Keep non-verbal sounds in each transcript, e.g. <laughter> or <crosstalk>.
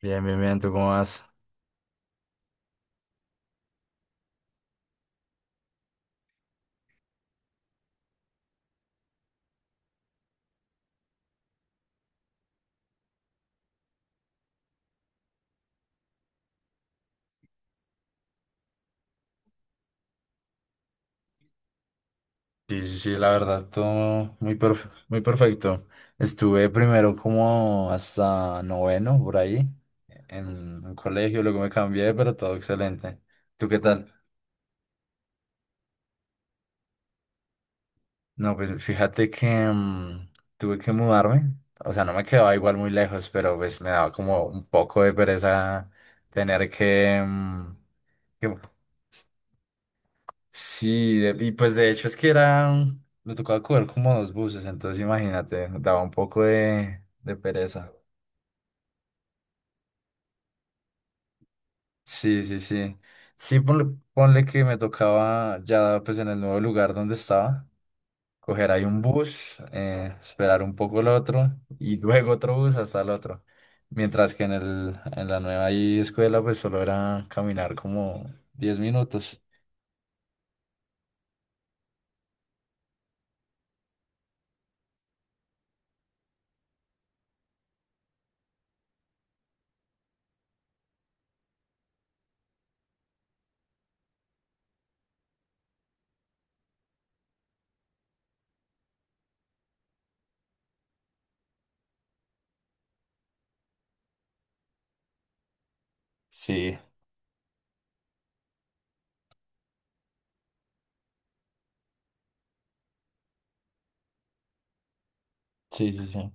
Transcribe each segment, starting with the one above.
Bien, bien, bien, ¿tú cómo vas? Sí, sí, sí, la verdad, todo muy perfecto. Estuve primero como hasta noveno, por ahí, en un colegio, luego me cambié, pero todo excelente. ¿Tú qué tal? No, pues fíjate que tuve que mudarme, o sea, no me quedaba igual muy lejos, pero pues me daba como un poco de pereza tener que. Y pues de hecho es que era, me tocaba coger como dos buses, entonces imagínate, daba un poco de pereza. Sí, sí, sí. Sí, ponle que me tocaba ya pues en el nuevo lugar donde estaba, coger ahí un bus, esperar un poco el otro y luego otro bus hasta el otro. Mientras que en la nueva ahí escuela pues solo era caminar como 10 minutos. Sí, sí, sí, sí.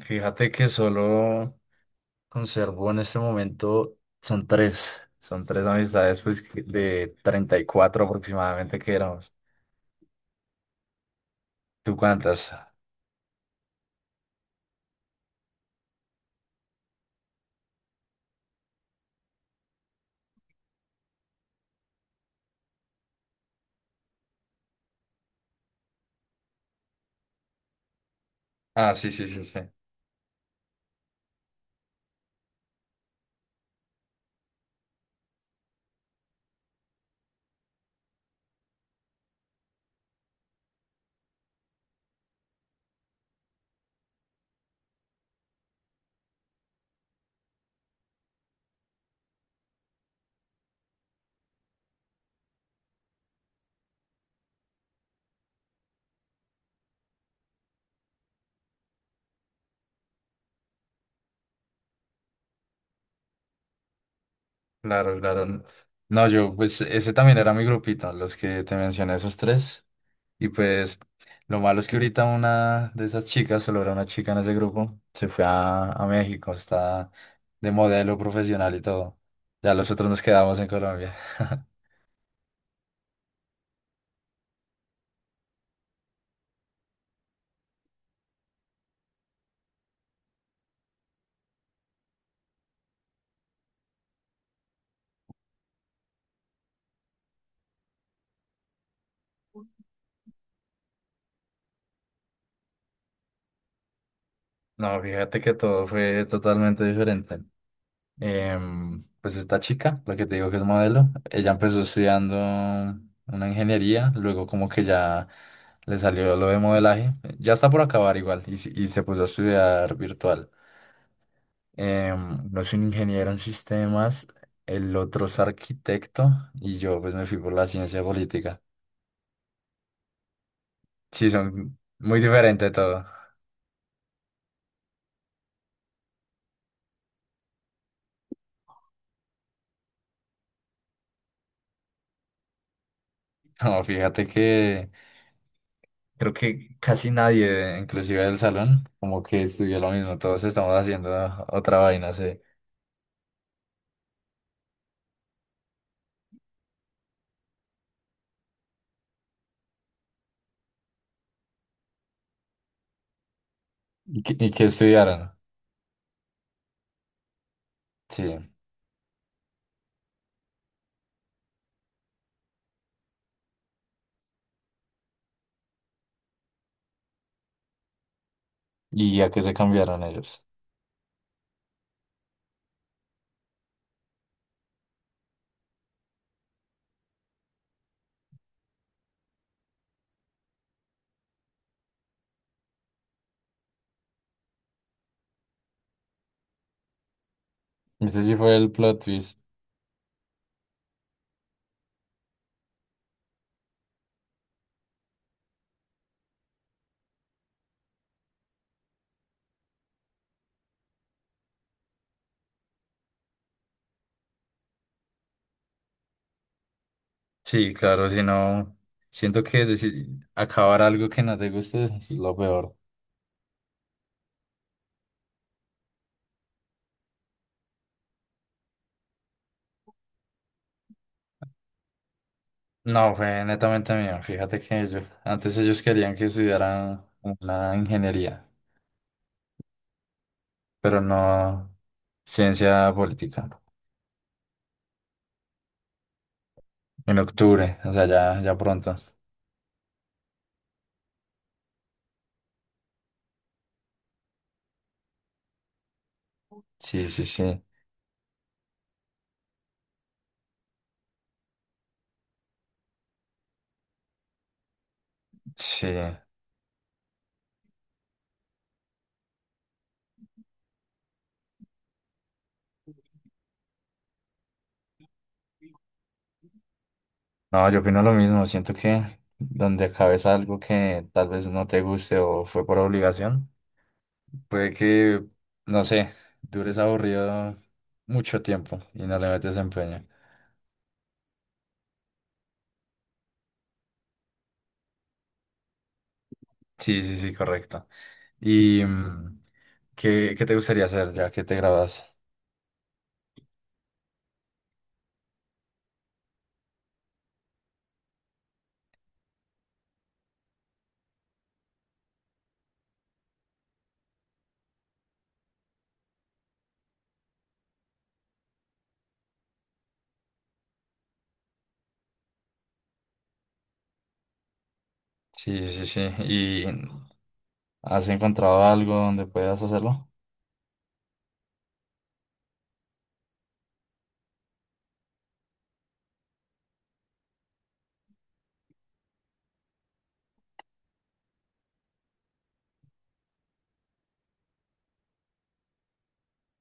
Fíjate que solo conservo en este momento, son tres amistades pues de 34 aproximadamente que éramos. ¿Tú cuántas? Ah, sí, sí, sí, sí, claro, claro. No, yo pues ese también era mi grupito, los que te mencioné, esos tres. Y pues lo malo es que ahorita una de esas chicas, solo era una chica en ese grupo, se fue a México, está de modelo profesional y todo. Ya los otros nos quedamos en Colombia. <laughs> No, fíjate que todo fue totalmente diferente. Pues esta chica, la que te digo que es modelo, ella empezó estudiando una ingeniería, luego como que ya le salió lo de modelaje, ya está por acabar igual y se puso a estudiar virtual. Uno es un ingeniero en sistemas, el otro es arquitecto y yo pues me fui por la ciencia política. Sí, son muy diferentes todo. <laughs> No, fíjate que creo que casi nadie, inclusive del salón, como que estudió lo mismo, todos estamos haciendo otra vaina, sí. Y que estudiaran, sí. ¿Y a qué se cambiaron ellos? Ese sí fue el plot twist. Sí, claro, si no, siento que acabar algo que no te guste es lo peor. No, fue netamente mío. Fíjate que ellos, antes ellos querían que estudiaran una ingeniería, pero no ciencia política. En octubre, o sea, ya, ya pronto. Sí, sí, sí. Sí. No, yo opino lo mismo. Siento que donde acabes algo que tal vez no te guste o fue por obligación, puede que, no sé, dures aburrido mucho tiempo y no le metes empeño. Sí, sí, sí, correcto. ¿Y qué te gustaría hacer ya que te grabas? Sí, sí, sí. ¿Y has encontrado algo donde puedas hacerlo?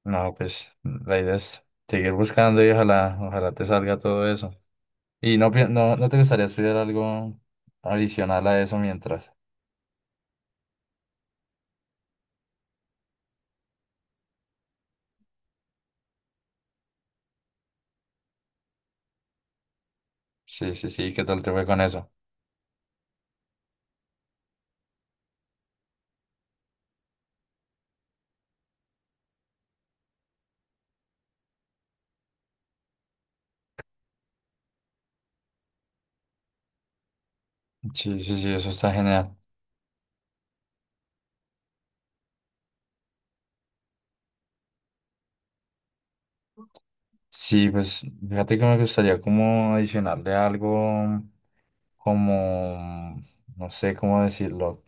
No, pues la idea es seguir buscando y ojalá, ojalá te salga todo eso. ¿Y no, no, no te gustaría estudiar algo adicional a eso mientras? Sí, sí, sí, ¿qué tal te fue con eso? Sí, sí, sí, eso está genial. Sí, pues fíjate que me gustaría como adicionarle algo como, no sé cómo decirlo,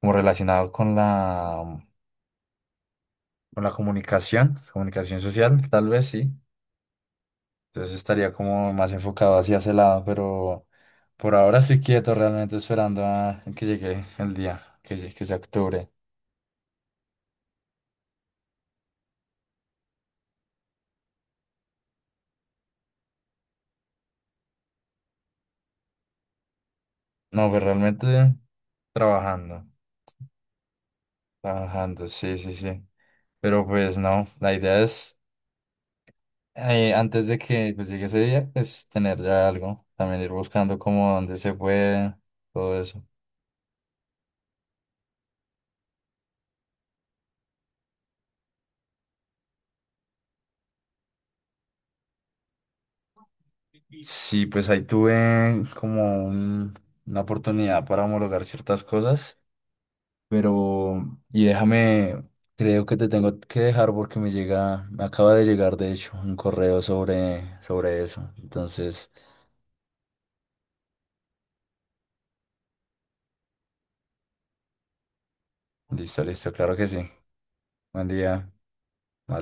como relacionado con la, comunicación, comunicación social, tal vez sí. Entonces estaría como más enfocado hacia ese lado, pero por ahora estoy quieto, realmente esperando a que llegue el día, que sea octubre. No, pues realmente trabajando, trabajando, sí, sí, sí. Pero pues no, la idea es, antes de que pues llegue ese día, pues tener ya algo, también ir buscando como dónde se puede, todo eso. Sí, pues ahí tuve como una oportunidad para homologar ciertas cosas, pero, y déjame, creo que te tengo que dejar porque me llega, me acaba de llegar de hecho un correo sobre eso. Entonces, listo, listo, claro que sí. Buen día. Vale.